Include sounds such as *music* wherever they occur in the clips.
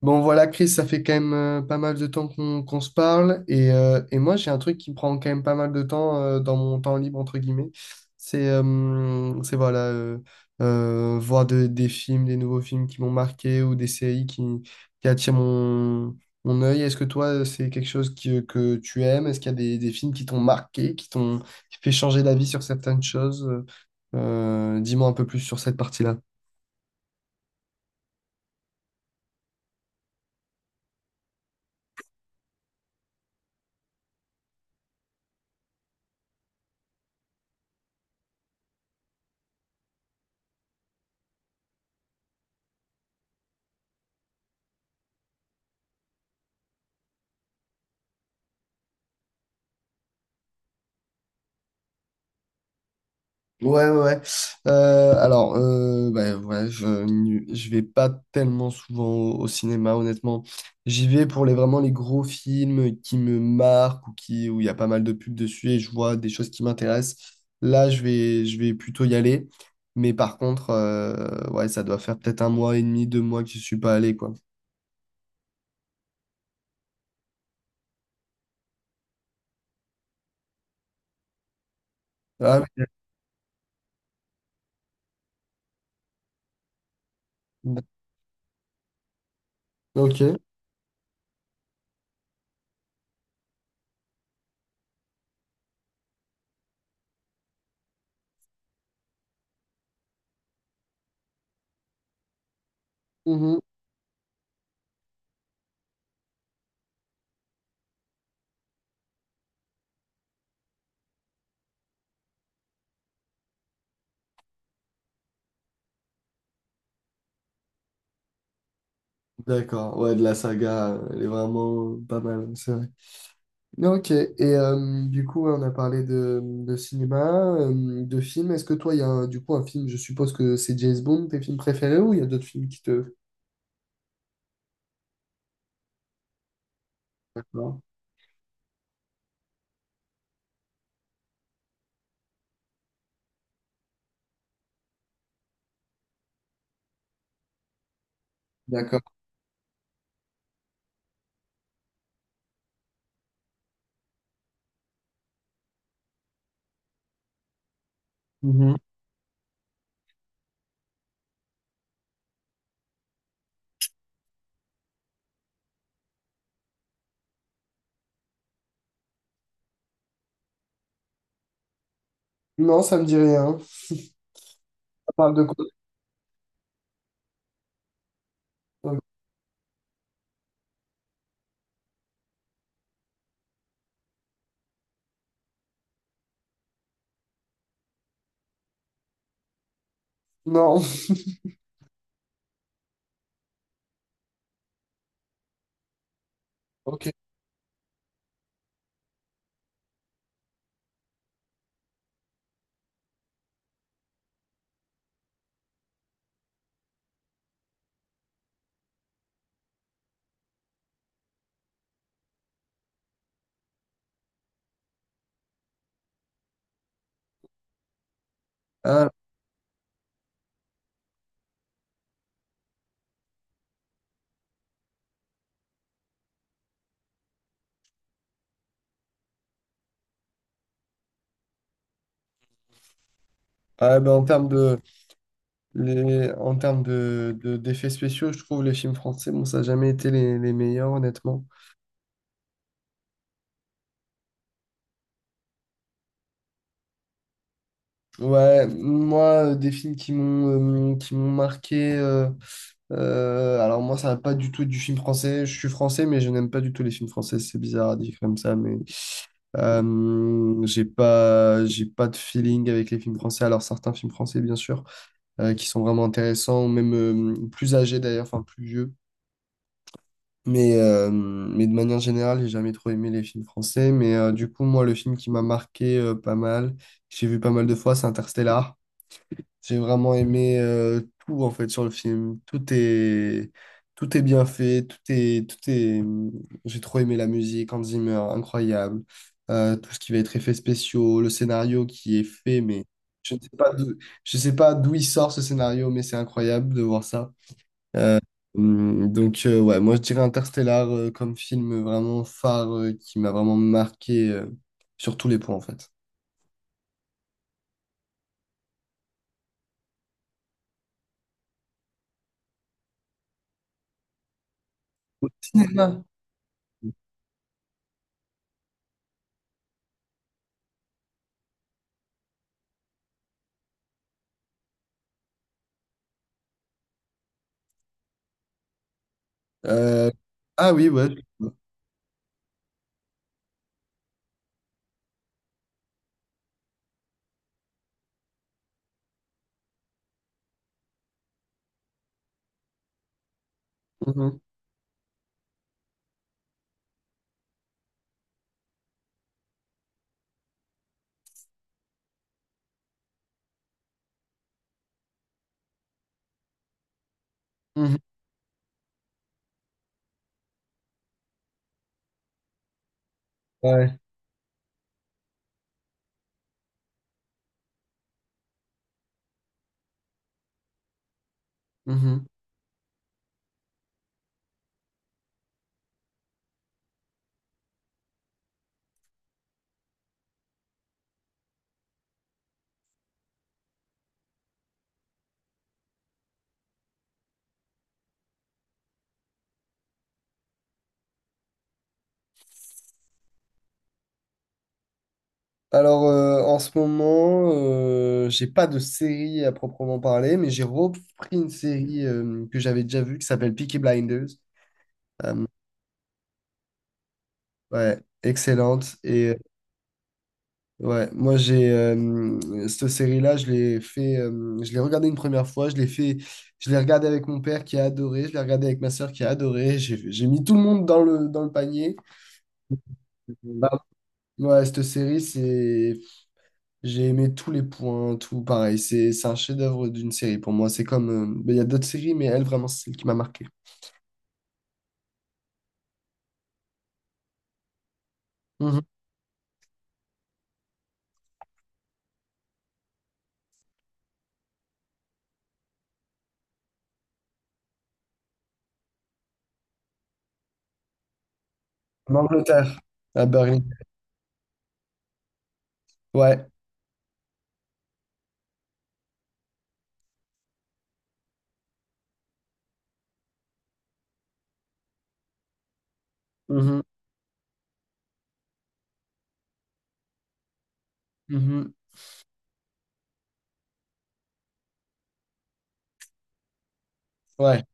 Bon voilà Chris, ça fait quand même pas mal de temps qu'on se parle et moi j'ai un truc qui me prend quand même pas mal de temps dans mon temps libre entre guillemets, c'est voir des films, des nouveaux films qui m'ont marqué ou des séries qui attirent mon œil. Est-ce que toi c'est quelque chose que tu aimes? Est-ce qu'il y a des films qui t'ont marqué, qui fait changer d'avis sur certaines choses? Dis-moi un peu plus sur cette partie-là. Ouais, ouais, ouais. Alors, bah, ouais, je vais pas tellement souvent au cinéma, honnêtement. J'y vais pour vraiment les gros films qui me marquent ou où il y a pas mal de pubs dessus et je vois des choses qui m'intéressent. Là, je vais plutôt y aller. Mais par contre, ouais, ça doit faire peut-être un mois et demi, deux mois que je suis pas allé, quoi. Ah, ok. Mhm. D'accord. Ouais, de la saga, elle est vraiment pas mal, c'est vrai. Ok, et du coup, ouais, on a parlé de cinéma, de films. Est-ce que toi, il y a du coup un film, je suppose que c'est James Bond, tes films préférés, ou il y a d'autres films qui te... D'accord. D'accord. Mhm. Non, ça me dit rien. Ça parle de quoi? Euh, Non. *laughs* Ok. Ah, ah, ben, en termes en termes d'effets spéciaux, je trouve les films français, bon, ça n'a jamais été les meilleurs, honnêtement. Ouais, moi, des films qui m'ont marqué. Alors moi, ça va pas du tout être du film français. Je suis français, mais je n'aime pas du tout les films français. C'est bizarre à dire comme ça, mais j'ai pas de feeling avec les films français. Alors certains films français, bien sûr, qui sont vraiment intéressants, ou même plus âgés d'ailleurs, enfin plus vieux. Mais de manière générale, j'ai jamais trop aimé les films français. Mais du coup, moi, le film qui m'a marqué pas mal, que j'ai vu pas mal de fois, c'est Interstellar. J'ai vraiment aimé tout en fait sur le film. Tout est bien fait, j'ai trop aimé la musique, Hans Zimmer, incroyable. Tout ce qui va être effets spéciaux, le scénario qui est fait mais je ne sais pas d'où je sais pas d'où il sort ce scénario mais c'est incroyable de voir ça. Donc ouais, moi je dirais Interstellar comme film vraiment phare qui m'a vraiment marqué sur tous les points en fait. Au cinéma. Euh, ah oui, ouais. Mhm. Mhm. Ouais. Mhm. Alors, en ce moment, j'ai pas de série à proprement parler, mais j'ai repris une série que j'avais déjà vue qui s'appelle Peaky Blinders. Euh, ouais, excellente. Et ouais, moi, j'ai cette série-là, je l'ai regardée une première fois, je l'ai regardée avec mon père qui a adoré, je l'ai regardée avec ma sœur qui a adoré. J'ai mis tout le monde dans dans le panier. Bah, ouais, j'ai aimé tous les points, tout pareil. C'est un chef-d'œuvre d'une série pour moi. C'est comme. Ben, il y a d'autres séries, mais elle, vraiment, c'est celle qui m'a marqué. Mhm. En Angleterre, à Berlin. Ouais. Mhm. Mhm. Ouais.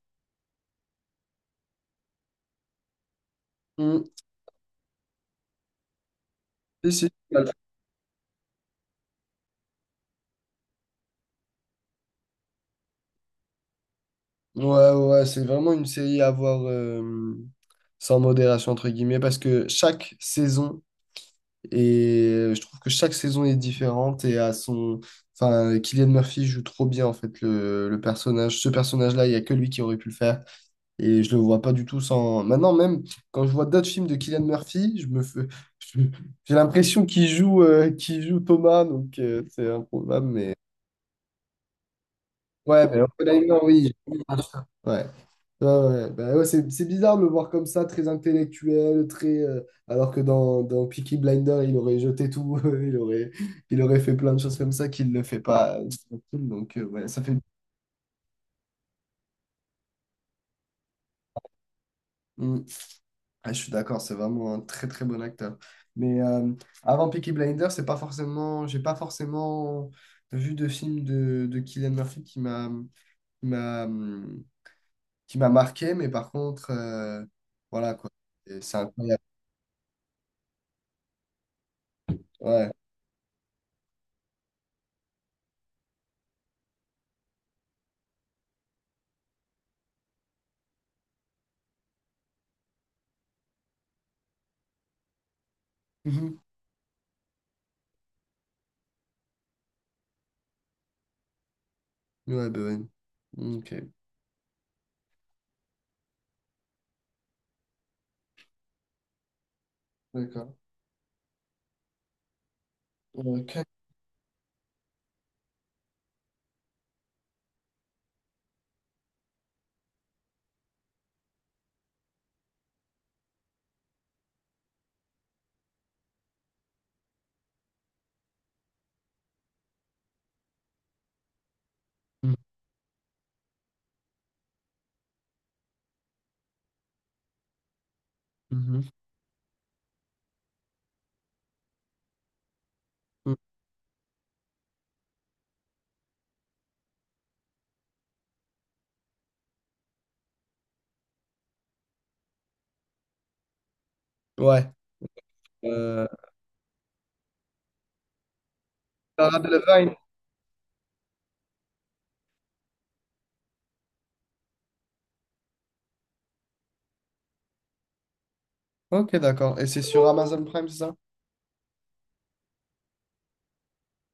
Mhm. Si, si. Ouais, ouais, c'est vraiment une série à voir sans modération, entre guillemets, parce que chaque saison, et je trouve que chaque saison est différente et à son. Enfin, Cillian Murphy joue trop bien, en fait, le personnage. Ce personnage-là, il n'y a que lui qui aurait pu le faire. Et je le vois pas du tout sans. Maintenant, même quand je vois d'autres films de Cillian Murphy, je me fais... *laughs* je- j'ai l'impression qu'il joue Thomas, donc c'est improbable. Mais ouais, mais Oppenheimer, oui. Ouais, ouais, ouais, ouais. Bah ouais, c'est bizarre de le voir comme ça, très intellectuel, très. Alors que dans Peaky Blinder, il aurait jeté tout, *laughs* il aurait fait plein de choses comme ça qu'il ne le fait pas dans ce film. Donc ouais, ça fait. Mm. Ah, je suis d'accord, c'est vraiment un très très bon acteur. Mais avant Peaky Blinders, c'est pas forcément, j'ai pas forcément vu de film de Cillian Murphy qui m'a hum, qui m'a marqué, mais par contre, voilà quoi. Et c'est incroyable. Ouais. Mhm. Ouais, bah ouais. Ok. D'accord. Ok. Mhm. Mhm. Mhm. Ouais. Euh, Sarah Delevingne. Ok, d'accord. Et c'est sur Amazon Prime, c'est ça?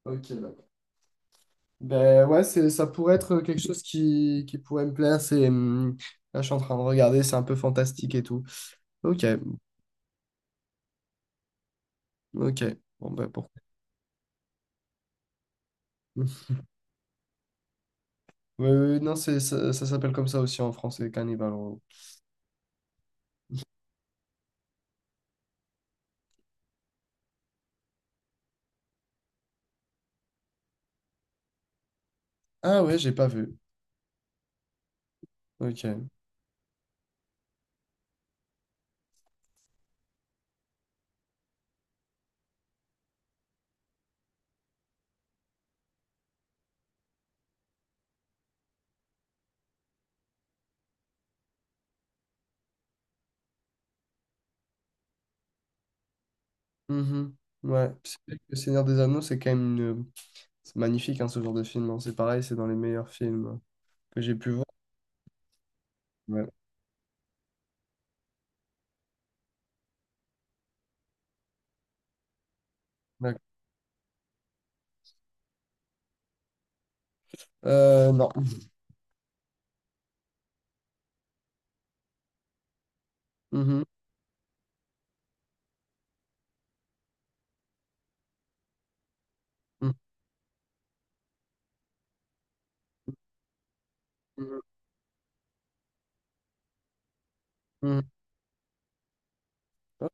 Ok, d'accord. Ben ouais, ça pourrait être quelque chose qui pourrait me plaire. Là, je suis en train de regarder, c'est un peu fantastique et tout. Ok, ok. Bon, ben pourquoi? Oui, oui, *laughs* non, ça s'appelle comme ça aussi en français, Carnival Row. Ah ouais, j'ai pas vu. Ok. Mhm. Ouais, c'est vrai que Le Seigneur des Anneaux, c'est quand même une... C'est magnifique, hein, ce genre de film. Hein. C'est pareil, c'est dans les meilleurs films que j'ai pu voir. Ouais. D'accord. Non. Mhm. Mhm. Mhm. Mhm.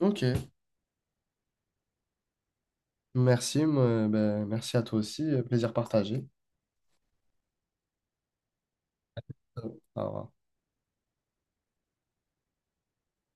Ok. Merci, moi, ben, merci à toi aussi. Plaisir partagé. Euh, Au revoir.